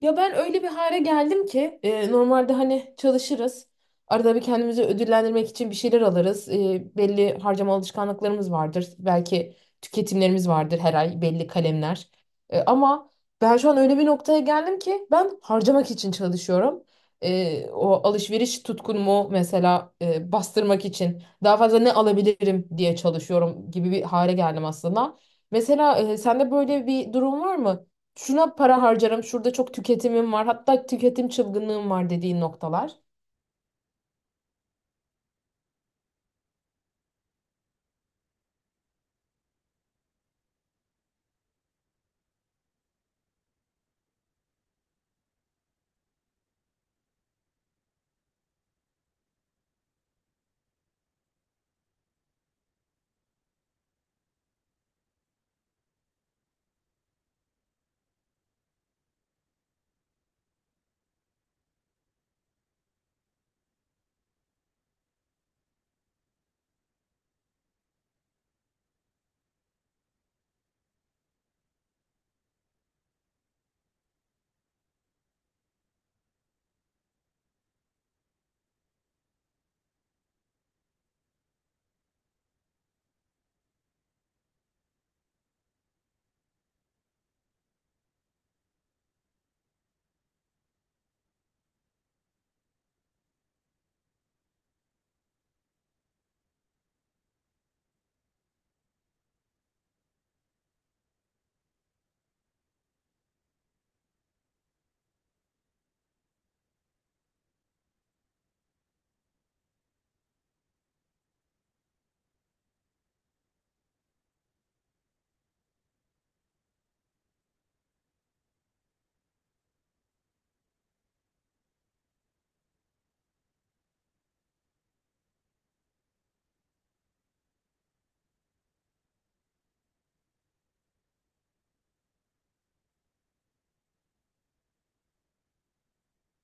Ya ben öyle bir hale geldim ki normalde hani çalışırız. Arada bir kendimizi ödüllendirmek için bir şeyler alırız. Belli harcama alışkanlıklarımız vardır. Belki tüketimlerimiz vardır her ay belli kalemler. Ama ben şu an öyle bir noktaya geldim ki ben harcamak için çalışıyorum. O alışveriş tutkunumu mesela bastırmak için daha fazla ne alabilirim diye çalışıyorum gibi bir hale geldim aslında. Mesela sende böyle bir durum var mı? Şuna para harcarım, şurada çok tüketimim var, hatta tüketim çılgınlığım var dediğin noktalar.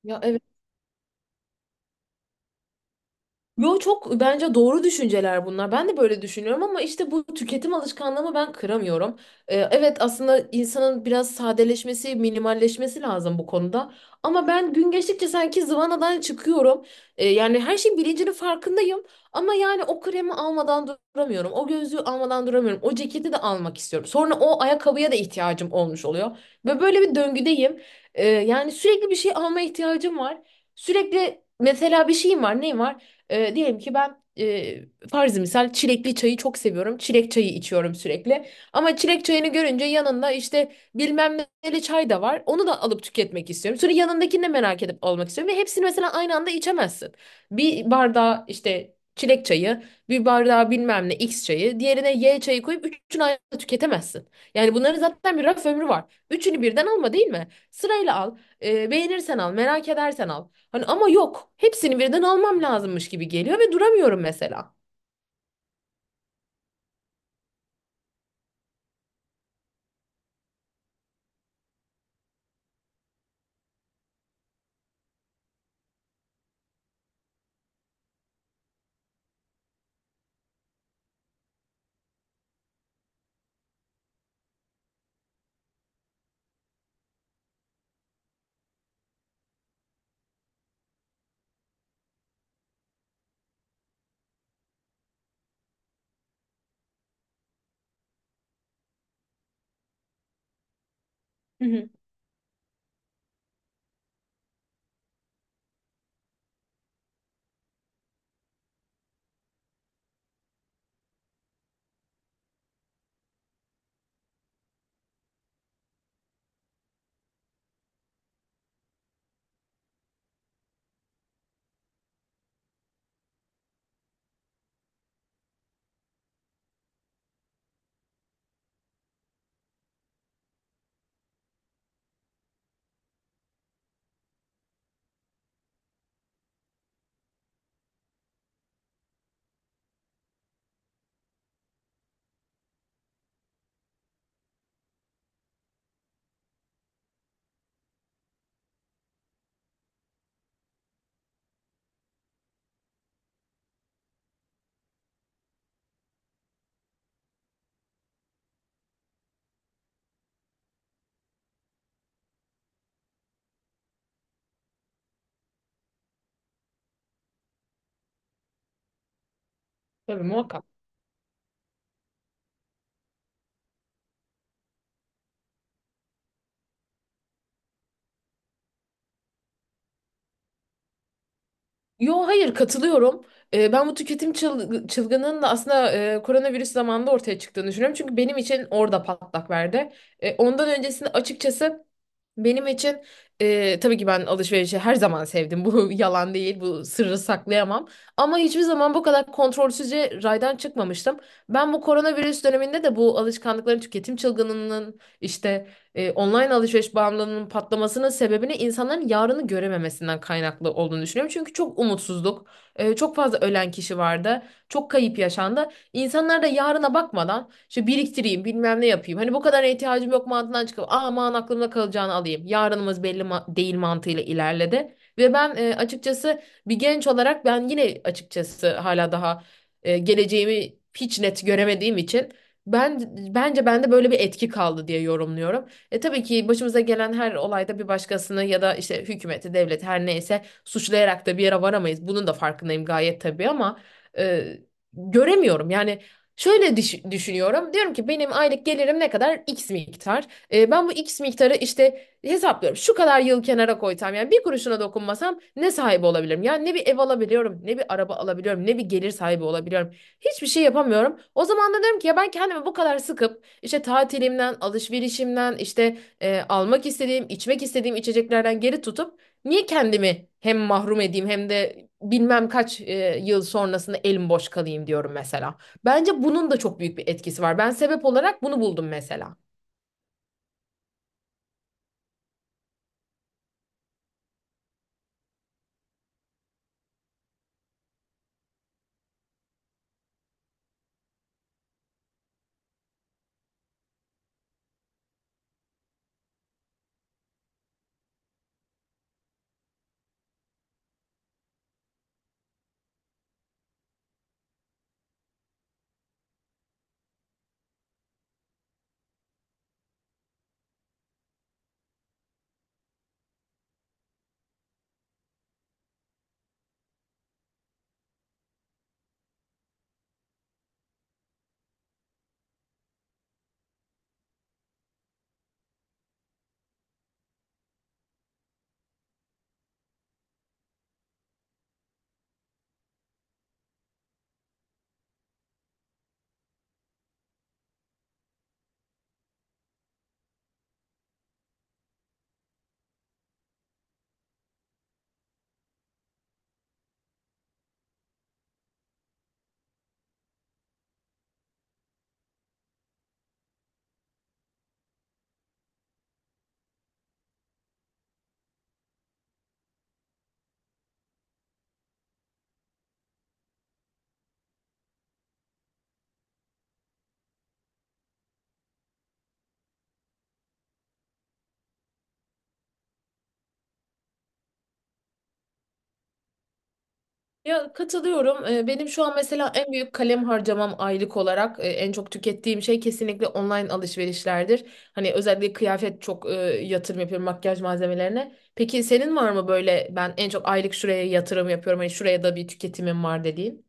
Ya, evet. Yo, çok bence doğru düşünceler bunlar. Ben de böyle düşünüyorum ama işte bu tüketim alışkanlığımı ben kıramıyorum. Evet, aslında insanın biraz sadeleşmesi, minimalleşmesi lazım bu konuda. Ama ben gün geçtikçe sanki zıvanadan çıkıyorum. Yani her şeyin bilincinin farkındayım. Ama yani o kremi almadan duramıyorum. O gözlüğü almadan duramıyorum. O ceketi de almak istiyorum. Sonra o ayakkabıya da ihtiyacım olmuş oluyor. Ve böyle bir döngüdeyim. Yani sürekli bir şey almaya ihtiyacım var. Sürekli mesela bir şeyim var. Neyim var? Diyelim ki ben farzı misal çilekli çayı çok seviyorum. Çilek çayı içiyorum sürekli. Ama çilek çayını görünce yanında işte bilmem neli çay da var. Onu da alıp tüketmek istiyorum. Sonra yanındakini de merak edip almak istiyorum. Ve hepsini mesela aynı anda içemezsin. Bir bardağı işte çilek çayı, bir bardağı bilmem ne X çayı, diğerine Y çayı koyup üçünü aynı anda tüketemezsin. Yani bunların zaten bir raf ömrü var. Üçünü birden alma değil mi? Sırayla al. Beğenirsen al, merak edersen al. Hani ama yok. Hepsini birden almam lazımmış gibi geliyor ve duramıyorum mesela. Hı hı. Tabii muhakkak. Yo, hayır, katılıyorum. Ben bu tüketim çılgınının da aslında koronavirüs zamanında ortaya çıktığını düşünüyorum. Çünkü benim için orada patlak verdi. Ondan öncesinde açıkçası benim için tabii ki ben alışverişi her zaman sevdim. Bu yalan değil, bu sırrı saklayamam. Ama hiçbir zaman bu kadar kontrolsüzce raydan çıkmamıştım. Ben bu koronavirüs döneminde de bu alışkanlıkların tüketim çılgınının işte online alışveriş bağımlılığının patlamasının sebebini insanların yarını görememesinden kaynaklı olduğunu düşünüyorum. Çünkü çok umutsuzluk, çok fazla ölen kişi vardı, çok kayıp yaşandı. İnsanlar da yarına bakmadan işte biriktireyim, bilmem ne yapayım. Hani bu kadar ihtiyacım yok mantığından çıkıp aman aklımda kalacağını alayım. Yarınımız belli değil mantığıyla ilerledi. Ve ben açıkçası bir genç olarak ben yine açıkçası hala daha geleceğimi hiç net göremediğim için ben bence bende böyle bir etki kaldı diye yorumluyorum. E tabii ki başımıza gelen her olayda bir başkasını ya da işte hükümeti, devleti her neyse suçlayarak da bir yere varamayız. Bunun da farkındayım gayet tabii ama e, göremiyorum. Yani şöyle düşünüyorum. Diyorum ki benim aylık gelirim ne kadar? X miktar. Ben bu X miktarı işte hesaplıyorum. Şu kadar yıl kenara koysam yani bir kuruşuna dokunmasam ne sahibi olabilirim? Yani ne bir ev alabiliyorum, ne bir araba alabiliyorum, ne bir gelir sahibi olabiliyorum. Hiçbir şey yapamıyorum. O zaman da diyorum ki ya ben kendimi bu kadar sıkıp işte tatilimden, alışverişimden, işte almak istediğim, içmek istediğim içeceklerden geri tutup niye kendimi hem mahrum edeyim hem de bilmem kaç yıl sonrasında elim boş kalayım diyorum mesela. Bence bunun da çok büyük bir etkisi var. Ben sebep olarak bunu buldum mesela. Ya, katılıyorum. Benim şu an mesela en büyük kalem harcamam aylık olarak en çok tükettiğim şey kesinlikle online alışverişlerdir. Hani özellikle kıyafet çok yatırım yapıyorum makyaj malzemelerine. Peki senin var mı böyle ben en çok aylık şuraya yatırım yapıyorum hani şuraya da bir tüketimim var dediğin?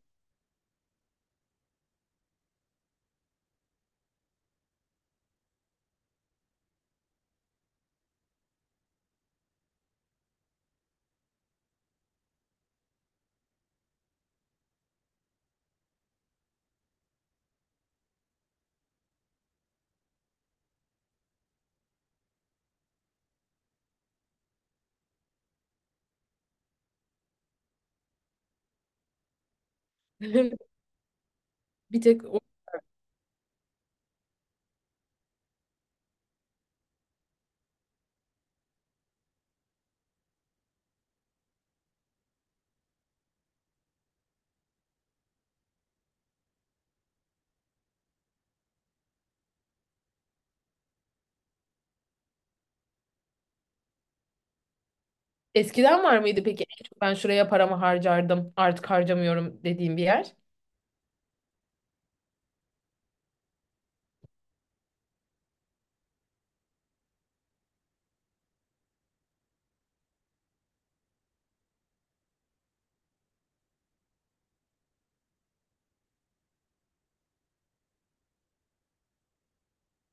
Bir tek eskiden var mıydı peki? En çok ben şuraya paramı harcardım, artık harcamıyorum dediğim bir yer.